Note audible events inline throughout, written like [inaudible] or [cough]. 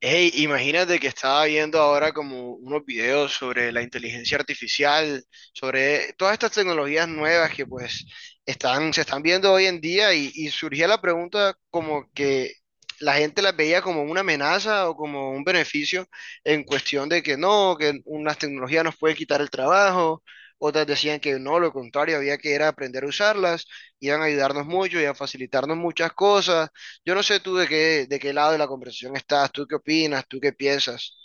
Hey, imagínate que estaba viendo ahora como unos videos sobre la inteligencia artificial, sobre todas estas tecnologías nuevas que pues están, se están viendo hoy en día y surgía la pregunta como que la gente las veía como una amenaza o como un beneficio en cuestión de que no, que unas tecnologías nos pueden quitar el trabajo, otras decían que no, lo contrario, había que era aprender a usarlas, iban a ayudarnos mucho y a facilitarnos muchas cosas. Yo no sé tú de qué lado de la conversación estás, tú qué opinas, tú qué piensas.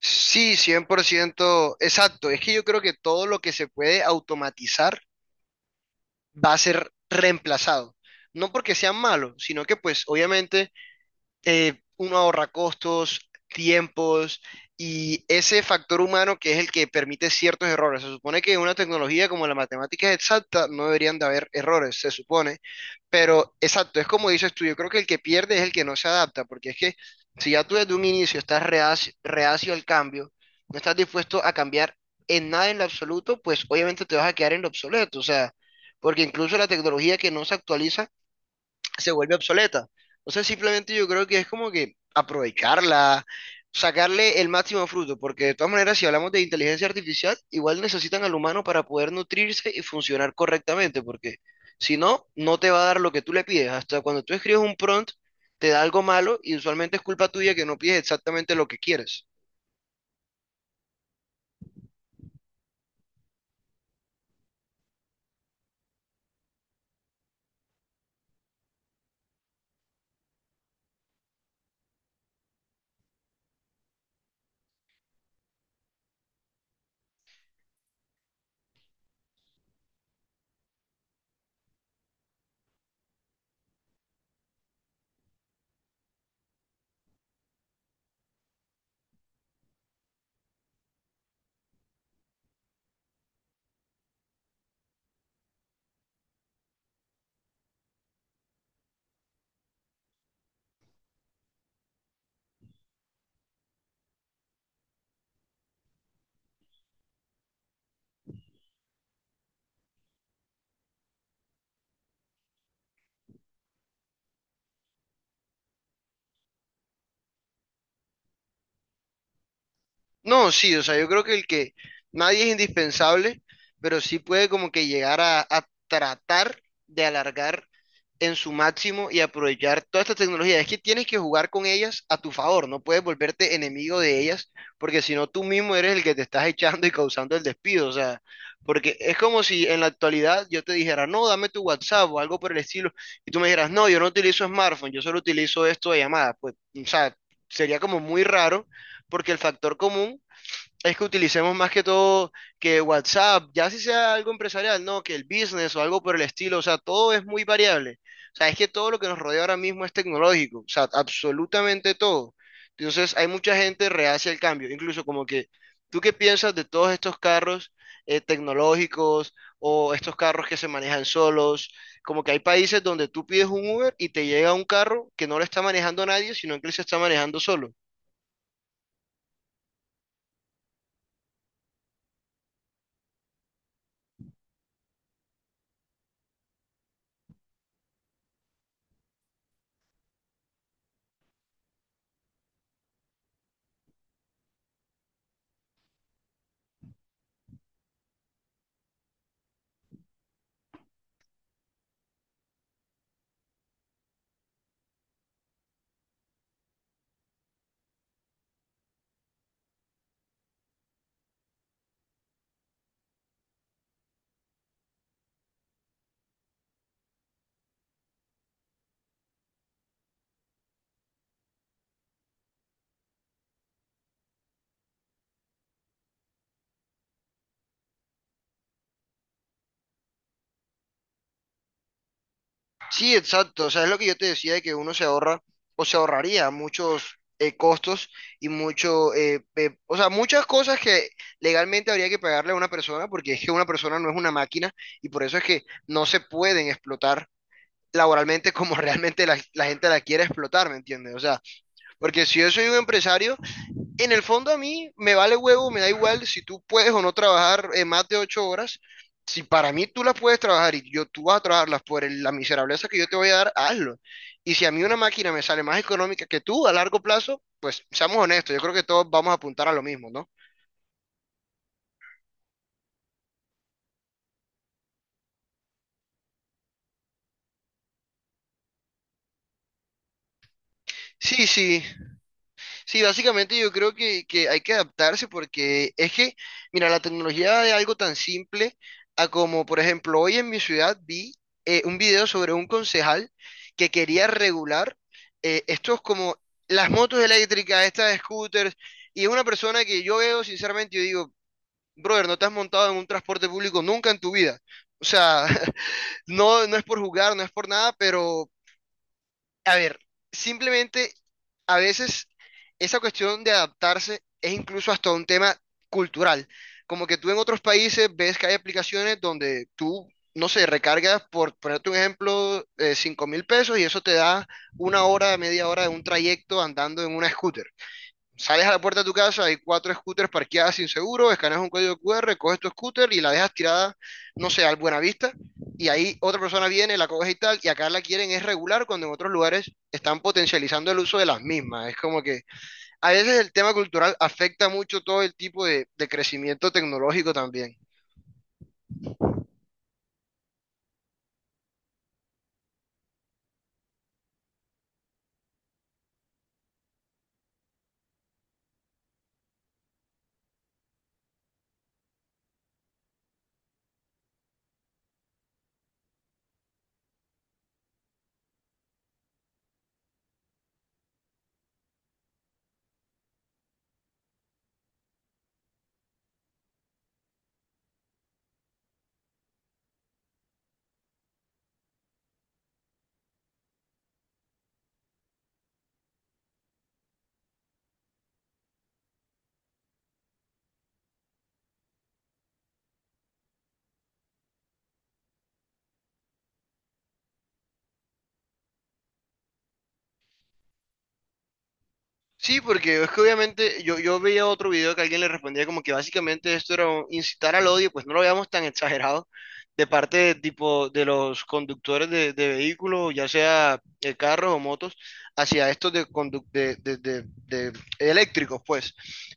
Sí, 100%, exacto. Es que yo creo que todo lo que se puede automatizar va a ser reemplazado. No porque sean malos, sino que pues obviamente uno ahorra costos, tiempos y ese factor humano que es el que permite ciertos errores. Se supone que en una tecnología como la matemática exacta no deberían de haber errores, se supone, pero exacto, es como dices tú. Yo creo que el que pierde es el que no se adapta, porque es que si ya tú desde un inicio estás reacio, reacio al cambio, no estás dispuesto a cambiar en nada en lo absoluto, pues obviamente te vas a quedar en lo obsoleto, o sea, porque incluso la tecnología que no se actualiza, se vuelve obsoleta. O sea, simplemente yo creo que es como que aprovecharla, sacarle el máximo fruto, porque de todas maneras, si hablamos de inteligencia artificial, igual necesitan al humano para poder nutrirse y funcionar correctamente, porque si no, no te va a dar lo que tú le pides. Hasta cuando tú escribes un prompt, te da algo malo y usualmente es culpa tuya que no pides exactamente lo que quieres. No, sí, o sea, yo creo que el que nadie es indispensable, pero sí puede como que llegar a tratar de alargar en su máximo y aprovechar toda esta tecnología. Es que tienes que jugar con ellas a tu favor, no puedes volverte enemigo de ellas, porque si no tú mismo eres el que te estás [laughs] echando y causando el despido, o sea, porque es como si en la actualidad yo te dijera, no, dame tu WhatsApp o algo por el estilo, y tú me dijeras, no, yo no utilizo smartphone, yo solo utilizo esto de llamada, pues, o sea, sería como muy raro, porque el factor común es que utilicemos más que todo que WhatsApp, ya si sea algo empresarial, no, que el business o algo por el estilo, o sea, todo es muy variable. O sea, es que todo lo que nos rodea ahora mismo es tecnológico, o sea, absolutamente todo. Entonces, hay mucha gente reacia al cambio, incluso como que, ¿tú qué piensas de todos estos carros tecnológicos o estos carros que se manejan solos? Como que hay países donde tú pides un Uber y te llega un carro que no lo está manejando nadie, sino que él se está manejando solo. Sí, exacto. O sea, es lo que yo te decía de que uno se ahorra o se ahorraría muchos costos y mucho, o sea, muchas cosas que legalmente habría que pagarle a una persona porque es que una persona no es una máquina y por eso es que no se pueden explotar laboralmente como [laughs] realmente la gente la quiere explotar, ¿me entiendes? O sea, porque si yo soy un empresario, en el fondo a mí me vale huevo, me da igual si tú puedes o no trabajar más de 8 horas. Si para mí tú las puedes trabajar y yo tú vas a trabajarlas por la miserableza que yo te voy a dar, hazlo. Y si a mí una máquina me sale más económica que tú a largo plazo, pues seamos honestos, yo creo que todos vamos a apuntar a lo mismo, ¿no? Sí, sí, sí, básicamente yo creo que hay que adaptarse porque es que, mira, la tecnología de algo tan simple a como, por ejemplo, hoy en mi ciudad vi un video sobre un concejal que quería regular estos como las motos eléctricas, estas scooters, y es una persona que yo veo sinceramente, yo digo, brother, no te has montado en un transporte público nunca en tu vida. O sea, [laughs] no, no es por jugar, no es por nada, pero a ver, simplemente a veces esa cuestión de adaptarse es incluso hasta un tema cultural. Como que tú en otros países ves que hay aplicaciones donde tú, no sé, recargas, por ponerte un ejemplo, 5 mil pesos y eso te da una hora, media hora de un trayecto andando en una scooter. Sales a la puerta de tu casa, hay cuatro scooters parqueadas sin seguro, escaneas un código QR, coges tu scooter y la dejas tirada, no sé, al Buenavista, y ahí otra persona viene, la coge y tal, y acá la quieren es regular cuando en otros lugares están potencializando el uso de las mismas. Es como que a veces el tema cultural afecta mucho todo el tipo de crecimiento tecnológico también. Sí, porque es que obviamente yo veía otro video que alguien le respondía como que básicamente esto era incitar al odio, pues no lo veamos tan exagerado de parte de, tipo de los conductores de vehículos, ya sea carros o motos, hacia estos de, condu- de eléctricos, pues,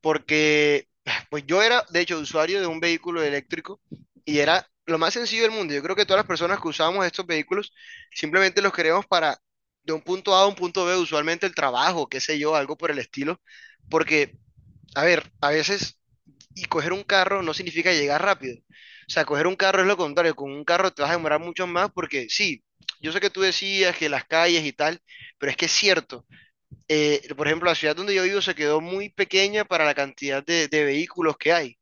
porque [sighs] pues yo era de hecho usuario de un vehículo eléctrico y era lo más sencillo del mundo. Yo creo que todas las personas que usábamos estos vehículos simplemente los queríamos para de un punto A a un punto B, usualmente el trabajo, qué sé yo, algo por el estilo, porque, a ver, a veces y coger un carro no significa llegar rápido. O sea, coger un carro es lo contrario, con un carro te vas a demorar mucho más porque sí, yo sé que tú decías que las calles y tal, pero es que es cierto. Por ejemplo, la ciudad donde yo vivo se quedó muy pequeña para la cantidad de vehículos que hay.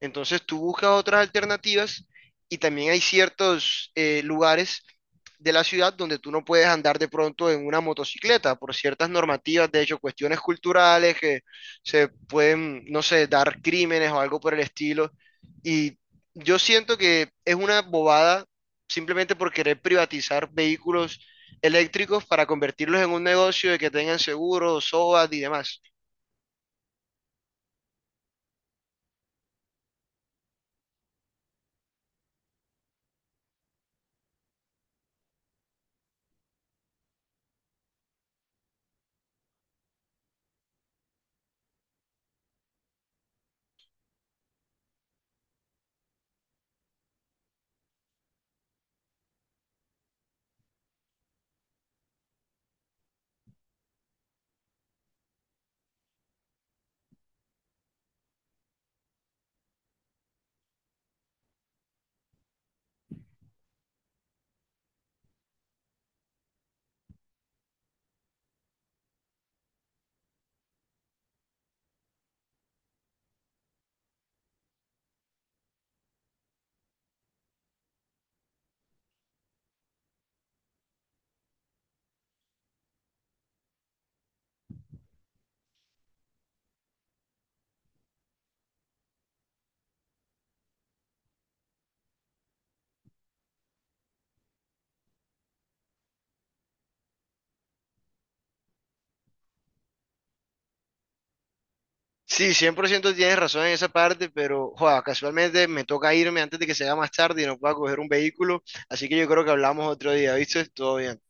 Entonces tú buscas otras alternativas y también hay ciertos lugares de la ciudad donde tú no puedes andar de pronto en una motocicleta por ciertas normativas, de hecho, cuestiones culturales que se pueden, no sé, dar crímenes o algo por el estilo. Y yo siento que es una bobada simplemente por querer privatizar vehículos eléctricos para convertirlos en un negocio de que tengan seguros, SOAT y demás. Sí, 100% tienes razón en esa parte, pero joda, casualmente me toca irme antes de que sea más tarde y no pueda coger un vehículo, así que yo creo que hablamos otro día, ¿viste? Todo bien.